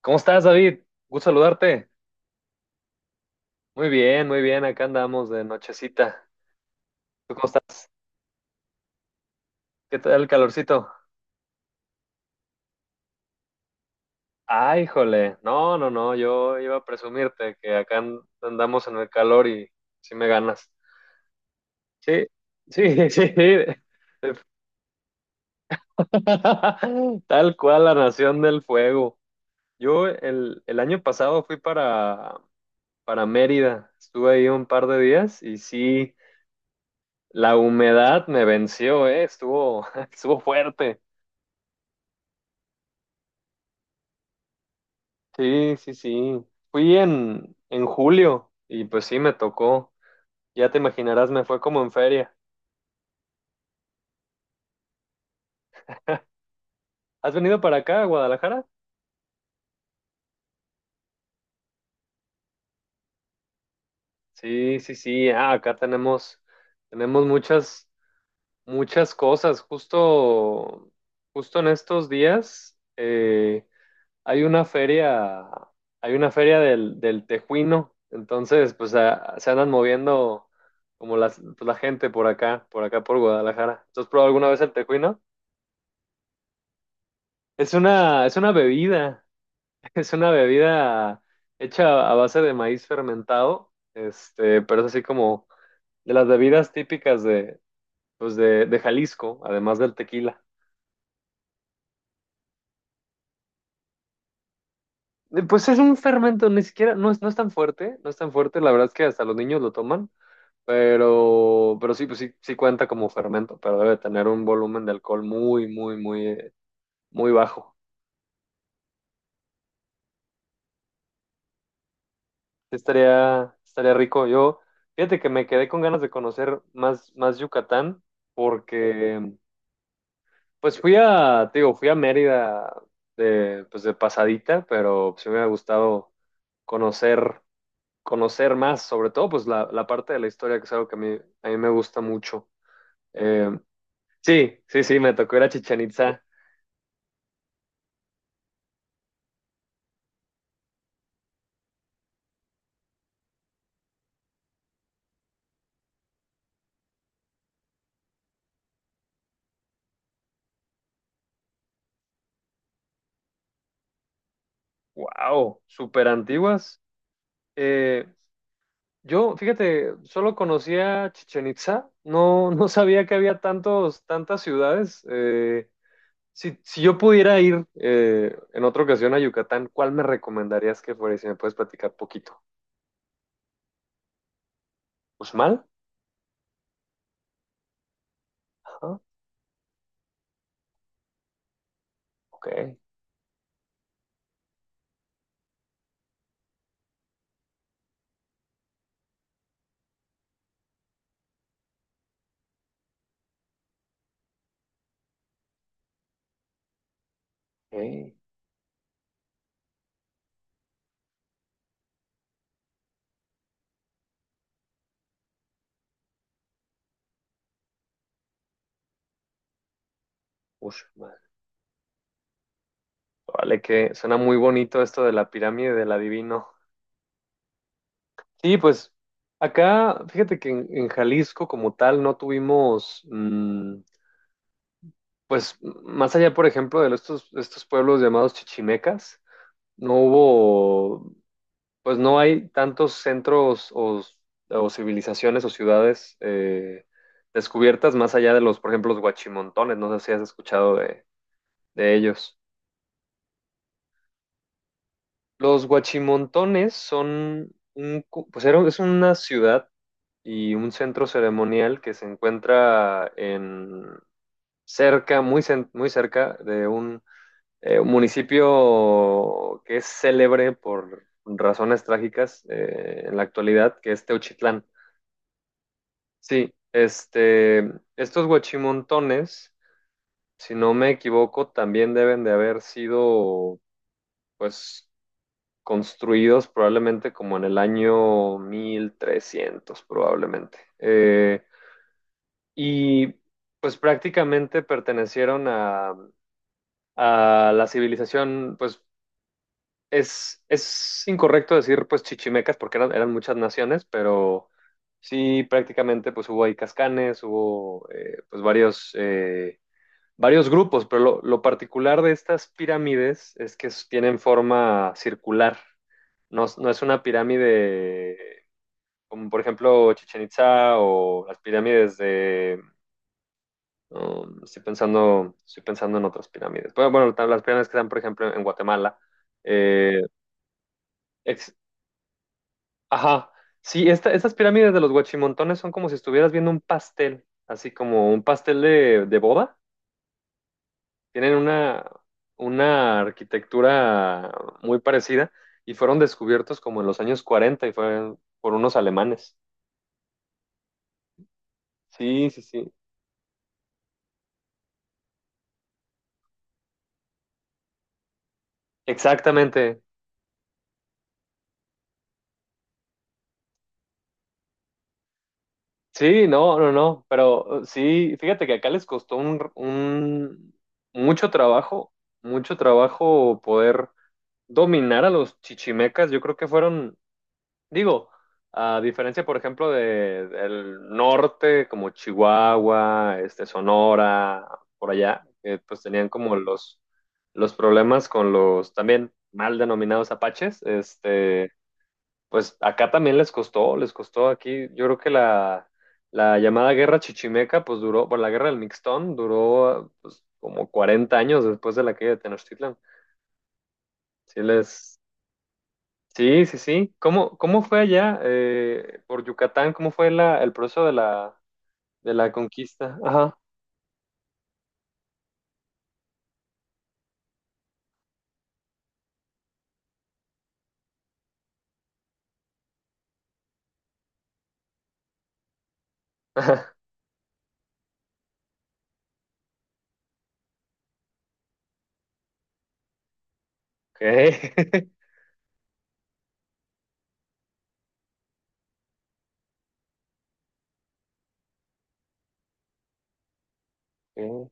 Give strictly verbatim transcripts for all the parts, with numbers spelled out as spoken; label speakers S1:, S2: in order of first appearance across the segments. S1: ¿Cómo estás, David? Gusto saludarte. Muy bien, muy bien. Acá andamos de nochecita. ¿Tú cómo estás? ¿Qué tal el calorcito? Ay, jole. No, no, no. Yo iba a presumirte que acá an- andamos en el calor y sí me ganas. Sí, sí, sí. Tal cual la Nación del Fuego. Yo el, el año pasado fui para, para Mérida. Estuve ahí un par de días y sí, la humedad me venció, ¿eh? Estuvo, estuvo fuerte. Sí, sí, sí. Fui en, en julio y pues sí, me tocó. Ya te imaginarás, me fue como en feria. ¿Has venido para acá, a Guadalajara? Sí, sí, sí. Ah, acá tenemos, tenemos muchas, muchas cosas. Justo, justo en estos días eh, hay una feria, hay una feria del, del Tejuino. Entonces, pues a- se andan moviendo como las, pues, la gente por acá, por acá por Guadalajara. ¿Tú has probado alguna vez el Tejuino? Es una, es una bebida, es una bebida hecha a base de maíz fermentado, este, pero es así como de las bebidas típicas de, pues de, de Jalisco, además del tequila. Eh, Pues es un fermento, ni siquiera, no es, no es tan fuerte, no es tan fuerte, la verdad es que hasta los niños lo toman, pero, pero sí, pues sí, sí cuenta como fermento, pero debe tener un volumen de alcohol muy, muy, muy, eh, muy bajo. Sí, estaría, estaría rico. Yo, fíjate que me quedé con ganas de conocer más, más Yucatán, porque pues fui a, te digo, fui a Mérida de, pues de pasadita, pero pues, sí me ha gustado conocer, conocer más, sobre todo pues la, la parte de la historia, que es algo que a mí, a mí me gusta mucho. Eh, sí, sí, sí, me tocó ir a Chichén Itzá. Wow, súper antiguas. Yo, fíjate, solo conocía Chichen Itza, no, no sabía que había tantos, tantas ciudades. Eh, si, si yo pudiera ir eh, en otra ocasión a Yucatán, ¿cuál me recomendarías que fuera? Y si me puedes platicar poquito. ¿Uxmal? Ajá, ok, ok, Uxmal. Vale, que suena muy bonito esto de la pirámide del adivino. Sí, pues acá, fíjate que en, en Jalisco como tal no tuvimos, mm, pues más allá, por ejemplo, de estos, estos pueblos llamados chichimecas. No hubo, pues no hay tantos centros o, o civilizaciones o ciudades eh, descubiertas más allá de los, por ejemplo, los huachimontones. No sé si has escuchado de, de ellos. Los huachimontones son un, cu- pues era- es una ciudad y un centro ceremonial que se encuentra en cerca, muy, cen- muy cerca de eh, un municipio que es célebre por razones trágicas eh, en la actualidad, que es Teuchitlán. Sí, este, estos huachimontones, si no me equivoco, también deben de haber sido, pues, construidos probablemente como en el año mil trescientos probablemente. Eh, y pues prácticamente pertenecieron a, a la civilización, pues Es, es incorrecto decir pues chichimecas porque eran, eran muchas naciones, pero sí prácticamente pues hubo ahí cascanes, hubo eh, pues varios, eh, varios grupos, pero lo, lo particular de estas pirámides es que s- tienen forma circular, no, es- no es una pirámide como por ejemplo Chichen Itza o las pirámides de... um, estoy pensando, estoy pensando en otras pirámides. Bueno, bueno, las pirámides que están por ejemplo en Guatemala. Eh, ex- Ajá, sí, esta, estas pirámides de los Huachimontones son como si estuvieras viendo un pastel, así como un pastel de, de boda. Tienen una, una arquitectura muy parecida y fueron descubiertos como en los años cuarenta y fue por unos alemanes. Sí, sí, sí. Exactamente. Sí, no, no, no, pero eh, sí, fíjate que acá les costó un, un- mucho trabajo, mucho trabajo poder dominar a los chichimecas. Yo creo que fueron, digo, a diferencia, por ejemplo, de, del norte, como Chihuahua, este, Sonora, por allá, que pues tenían como los, los problemas con los también mal denominados apaches, este, pues acá también les costó, les costó aquí, yo creo que la, la llamada guerra chichimeca, pues duró, bueno, la guerra del Mixtón duró pues, como cuarenta años después de la caída de Tenochtitlan. Sí les, sí, sí, sí. ¿Cómo, cómo fue allá eh, por Yucatán? ¿Cómo fue la, el proceso de la, de la conquista? Ajá. Ok. Ok.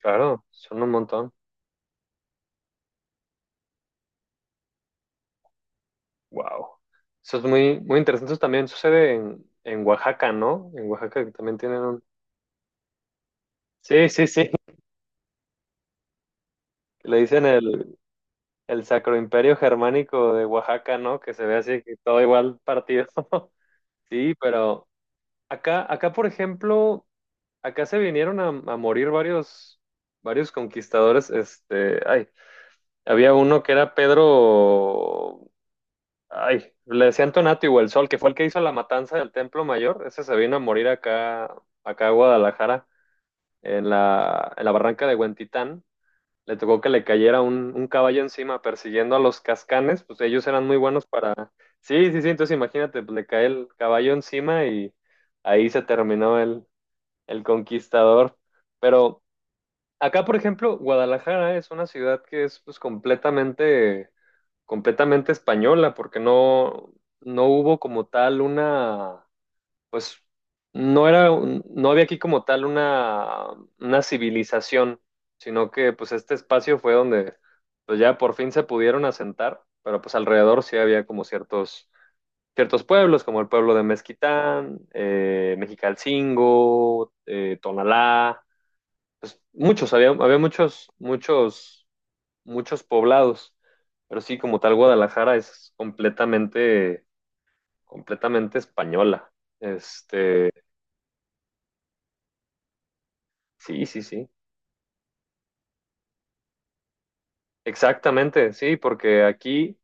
S1: Claro, son un montón. Wow. Eso es muy, muy interesante. Eso también sucede en, en Oaxaca, ¿no? En Oaxaca que también tienen un... Sí, sí, sí. Le dicen el, el Sacro Imperio Germánico de Oaxaca, ¿no? Que se ve así, que todo igual partido. Sí, pero acá, acá, por ejemplo... Acá se vinieron a, a morir varios, varios conquistadores. Este, ay, había uno que era Pedro, ay, le decían Tonatiuh el Sol, que fue el que hizo la matanza del Templo Mayor. Ese se vino a morir acá, acá a Guadalajara, en la, en la barranca de Huentitán. Le tocó que le cayera un, un caballo encima persiguiendo a los cascanes, pues ellos eran muy buenos para... Sí, sí, sí, entonces imagínate, pues, le cae el caballo encima y ahí se terminó el, el conquistador. Pero acá, por ejemplo, Guadalajara es una ciudad que es pues, completamente, completamente española, porque no, no hubo como tal una, pues no era, un- no había aquí como tal una, una civilización, sino que pues este espacio fue donde pues ya por fin se pudieron asentar, pero pues alrededor sí había como ciertos, ciertos pueblos, como el pueblo de Mezquitán, eh, Mexicalcingo, eh, Tonalá pues, muchos, había, había muchos, muchos, muchos poblados, pero sí, como tal, Guadalajara es completamente, completamente española. Este, sí, sí, sí, exactamente, sí, porque aquí,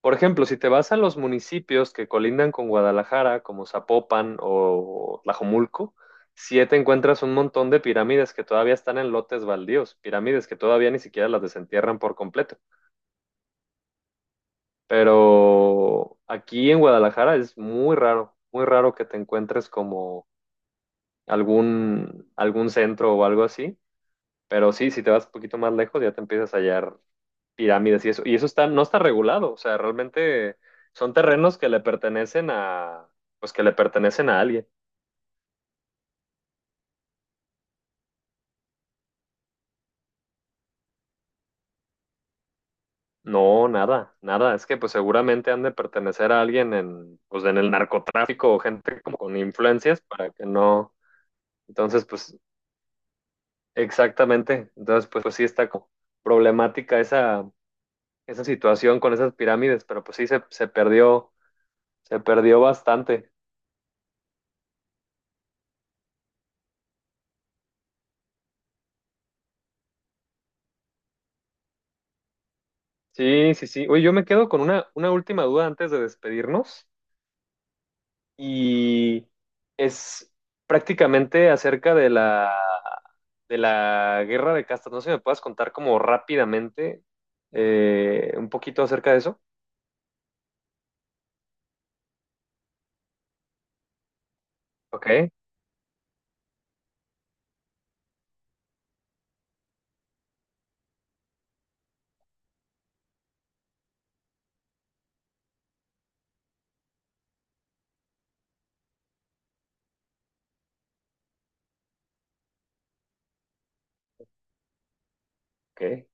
S1: por ejemplo, si te vas a los municipios que colindan con Guadalajara, como Zapopan o Tlajomulco, sí te encuentras un montón de pirámides que todavía están en lotes baldíos, pirámides que todavía ni siquiera las desentierran por completo. Pero aquí en Guadalajara es muy raro, muy raro que te encuentres como algún, algún centro o algo así. Pero sí, si te vas un poquito más lejos, ya te empiezas a hallar pirámides y eso. Y eso está, no está regulado. O sea, realmente son terrenos que le pertenecen a, pues que le pertenecen a alguien. No, nada, nada. Es que pues seguramente han de pertenecer a alguien en, pues en el narcotráfico o gente como con influencias para que no. Entonces, pues, exactamente. Entonces, pues, pues sí está como problemática esa, esa situación con esas pirámides, pero pues sí se, se perdió, se perdió bastante. Sí, sí, sí. Oye, yo me quedo con una, una última duda antes de despedirnos y es prácticamente acerca de la, de la guerra de castas. No sé si me puedas contar como rápidamente eh, un poquito acerca de eso. Ok, ok.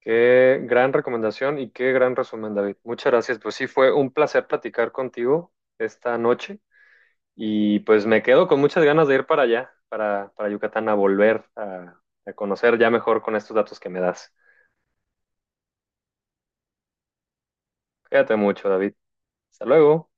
S1: Qué gran recomendación y qué gran resumen, David. Muchas gracias. Pues sí, fue un placer platicar contigo esta noche y pues me quedo con muchas ganas de ir para allá, para, para Yucatán, a volver a, a conocer ya mejor con estos datos que me das. Cuídate mucho, David. Hasta luego.